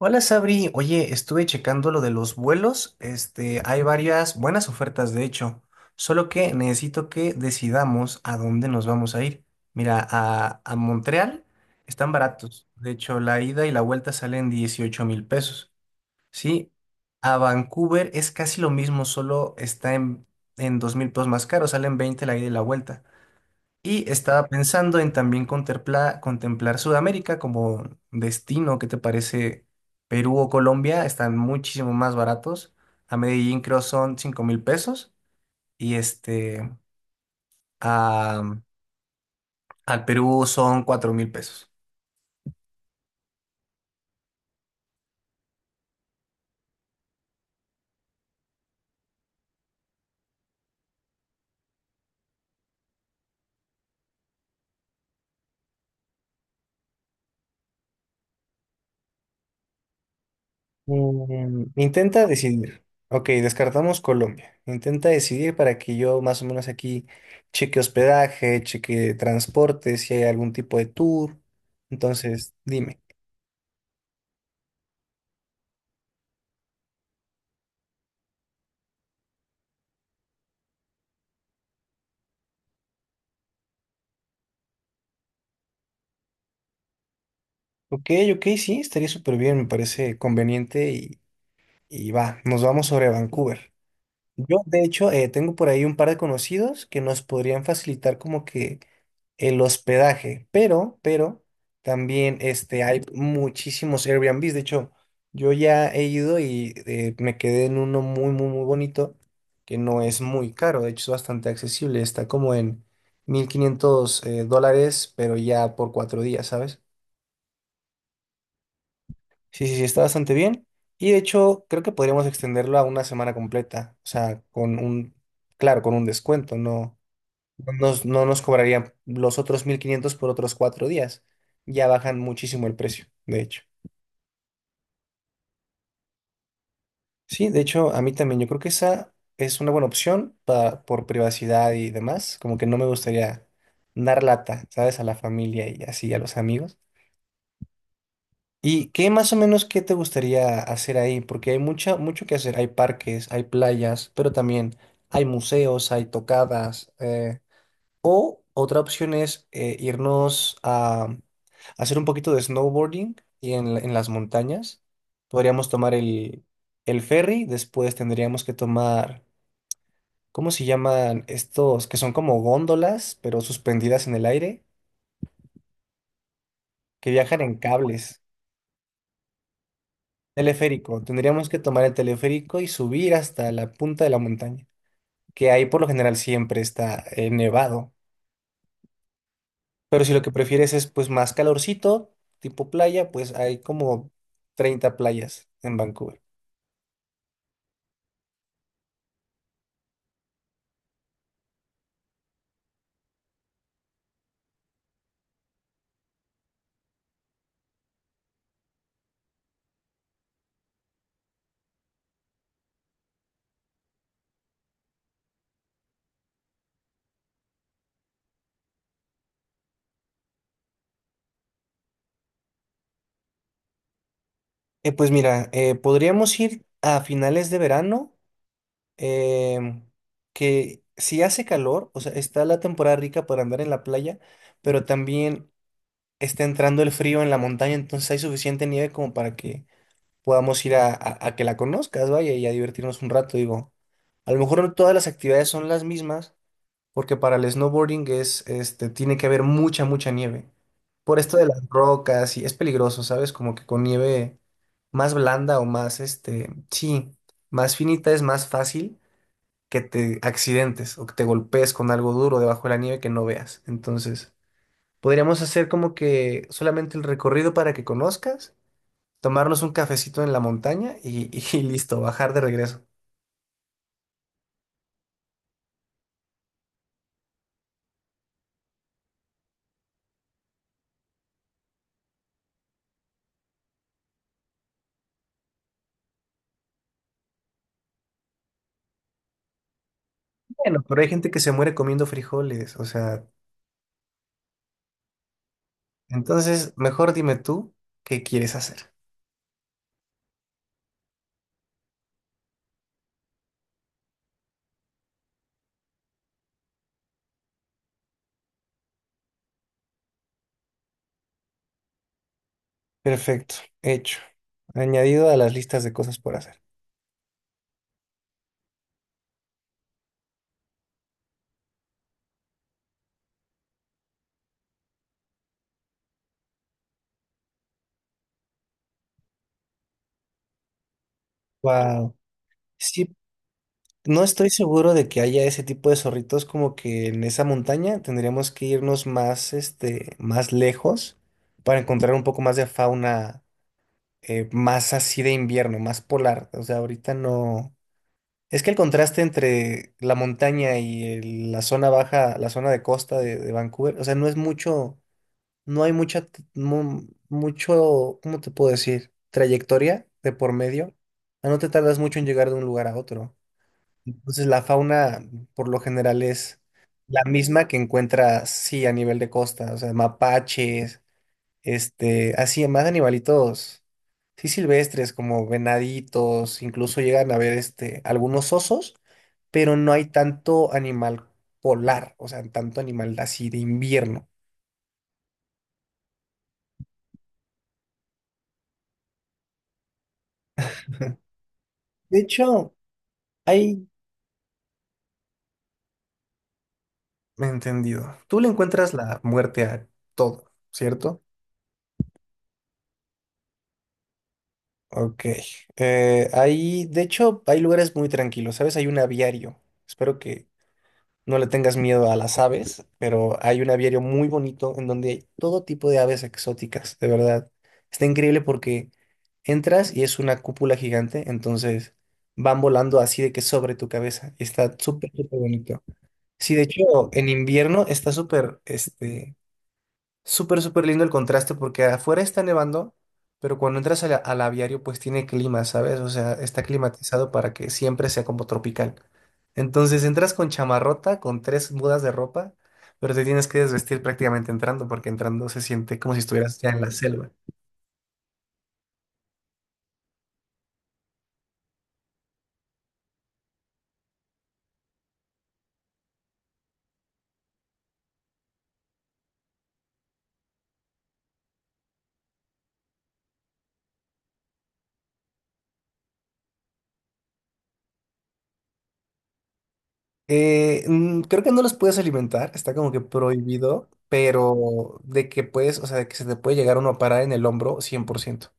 Hola Sabri, oye, estuve checando lo de los vuelos, hay varias buenas ofertas de hecho, solo que necesito que decidamos a dónde nos vamos a ir. Mira, a Montreal están baratos, de hecho la ida y la vuelta salen 18,000 pesos, ¿sí? A Vancouver es casi lo mismo, solo está en 2 mil pesos más caro, salen 20 la ida y la vuelta. Y estaba pensando en también contemplar Sudamérica como destino. ¿Qué te parece? Perú o Colombia están muchísimo más baratos. A Medellín creo son 5,000 pesos y a, al Perú son 4,000 pesos. Intenta decidir. Ok, descartamos Colombia. Intenta decidir para que yo más o menos aquí cheque hospedaje, cheque transporte, si hay algún tipo de tour. Entonces, dime. Ok, ok, sí, estaría súper bien, me parece conveniente y va, nos vamos sobre Vancouver. Yo, de hecho, tengo por ahí un par de conocidos que nos podrían facilitar como que el hospedaje, pero también hay muchísimos Airbnbs. De hecho, yo ya he ido y me quedé en uno muy, muy, muy bonito que no es muy caro, de hecho es bastante accesible, está como en 1.500 dólares, pero ya por 4 días, ¿sabes? Sí, sí, sí, está bastante bien. Y de hecho, creo que podríamos extenderlo a una semana completa. O sea, claro, con un descuento. No, no nos cobrarían los otros 1,500 por otros 4 días. Ya bajan muchísimo el precio, de hecho. Sí, de hecho, a mí también. Yo creo que esa es una buena opción para, por privacidad y demás. Como que no me gustaría dar lata, ¿sabes? A la familia y así, a los amigos. ¿Y qué más o menos qué te gustaría hacer ahí? Porque hay mucho que hacer. Hay parques, hay playas, pero también hay museos, hay tocadas. O otra opción es irnos a hacer un poquito de snowboarding y en las montañas. Podríamos tomar el ferry, después tendríamos que tomar, ¿cómo se llaman estos? Que son como góndolas, pero suspendidas en el aire, que viajan en cables. Teleférico. Tendríamos que tomar el teleférico y subir hasta la punta de la montaña, que ahí por lo general siempre está nevado. Pero si lo que prefieres es pues más calorcito, tipo playa, pues hay como 30 playas en Vancouver. Pues mira, podríamos ir a finales de verano, em, que si hace calor, o sea, está la temporada rica para andar en la playa, pero también está entrando el frío en la montaña, entonces hay suficiente nieve como para que podamos ir a que la conozcas, vaya, y a divertirnos un rato, digo. A lo mejor no todas las actividades son las mismas, porque para el snowboarding es, tiene que haber mucha, mucha nieve. Por esto de las rocas, y es peligroso, ¿sabes? Como que con nieve más blanda o más, sí, más finita es más fácil que te accidentes o que te golpees con algo duro debajo de la nieve que no veas. Entonces, podríamos hacer como que solamente el recorrido para que conozcas tomarnos un cafecito en la montaña y listo, bajar de regreso. Bueno, pero hay gente que se muere comiendo frijoles, o sea, entonces mejor dime tú qué quieres hacer. Perfecto, hecho. Añadido a las listas de cosas por hacer. Wow. Sí, no estoy seguro de que haya ese tipo de zorritos como que en esa montaña tendríamos que irnos más, más lejos para encontrar un poco más de fauna más así de invierno, más polar. O sea, ahorita no. Es que el contraste entre la montaña y la zona baja, la zona de costa de Vancouver, o sea, no es mucho, no hay mucho, ¿cómo te puedo decir? Trayectoria de por medio. Ah, no te tardas mucho en llegar de un lugar a otro. Entonces, la fauna, por lo general, es la misma que encuentras, sí, a nivel de costa, o sea, mapaches, así, más animalitos, sí, silvestres, como venaditos, incluso llegan a ver, algunos osos pero no hay tanto animal polar, o sea, tanto animal así de invierno. De hecho, hay... Entendido. Tú le encuentras la muerte a todo, ¿cierto? Ok. Ahí, de hecho, hay lugares muy tranquilos, ¿sabes? Hay un aviario. Espero que no le tengas miedo a las aves, pero hay un aviario muy bonito en donde hay todo tipo de aves exóticas, de verdad. Está increíble porque entras y es una cúpula gigante, entonces van volando así de que sobre tu cabeza. Y está súper, súper bonito. Sí, de hecho, en invierno está súper, súper, súper lindo el contraste porque afuera está nevando, pero cuando entras al aviario pues tiene clima, ¿sabes? O sea, está climatizado para que siempre sea como tropical. Entonces entras con chamarrota, con tres mudas de ropa, pero te tienes que desvestir prácticamente entrando porque entrando se siente como si estuvieras ya en la selva. Creo que no los puedes alimentar, está como que prohibido, pero de que puedes, o sea, de que se te puede llegar uno a parar en el hombro 100%.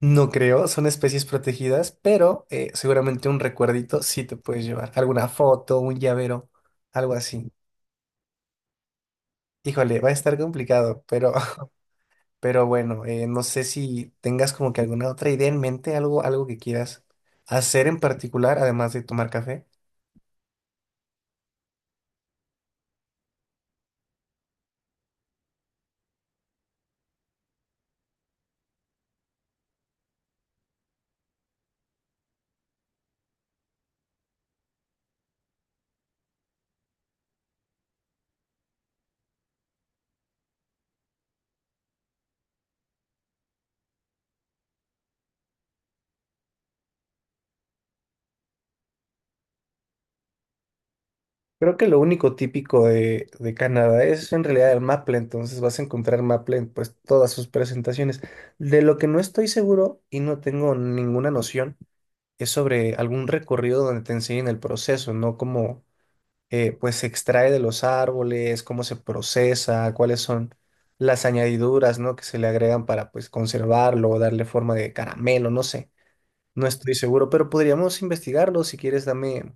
No creo, son especies protegidas, pero seguramente un recuerdito sí te puedes llevar. Alguna foto, un llavero, algo así. Híjole, va a estar complicado, pero, pero bueno, no sé si tengas como que alguna otra idea en mente, algo, algo que quieras hacer en particular, además de tomar café. Creo que lo único típico de Canadá es en realidad el maple, entonces vas a encontrar maple en pues todas sus presentaciones. De lo que no estoy seguro y no tengo ninguna noción. Es sobre algún recorrido donde te enseñen el proceso, no cómo pues se extrae de los árboles, cómo se procesa, cuáles son las añadiduras, ¿no? que se le agregan para pues conservarlo o darle forma de caramelo, no sé. No estoy seguro, pero podríamos investigarlo. Si quieres, dame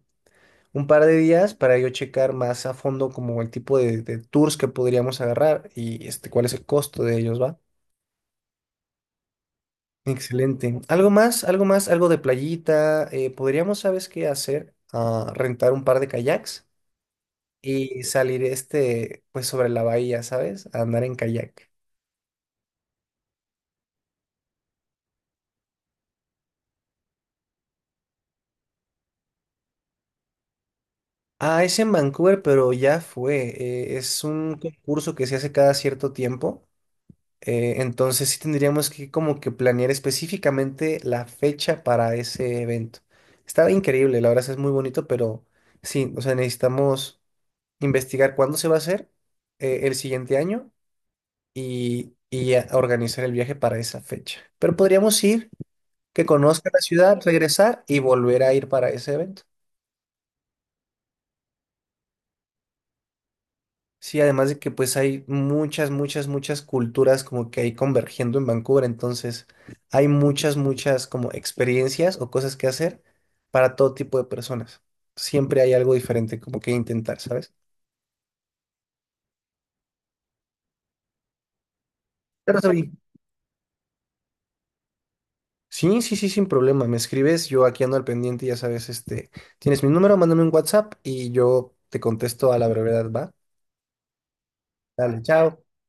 un par de días para yo checar más a fondo como el tipo de tours que podríamos agarrar y cuál es el costo de ellos, ¿va? Excelente. ¿Algo más? ¿Algo más? ¿Algo de playita? Podríamos, ¿sabes qué hacer? Ah, rentar un par de kayaks y salir pues sobre la bahía, ¿sabes? A andar en kayak. Ah, es en Vancouver, pero ya fue. Es un concurso que se hace cada cierto tiempo. Entonces sí tendríamos que como que planear específicamente la fecha para ese evento. Estaba increíble, la verdad es muy bonito, pero sí, o sea, necesitamos investigar cuándo se va a hacer el siguiente año organizar el viaje para esa fecha. Pero podríamos ir, que conozca la ciudad, regresar y volver a ir para ese evento. Sí, además de que pues hay muchas, muchas, muchas culturas como que hay convergiendo en Vancouver, entonces hay muchas, muchas como experiencias o cosas que hacer para todo tipo de personas. Siempre hay algo diferente como que intentar, ¿sabes? Pero sí, sí, sí, sí, sin problema. Me escribes, yo aquí ando al pendiente, ya sabes, tienes mi número, mándame un WhatsApp y yo te contesto a la brevedad, ¿va? Dale, chao.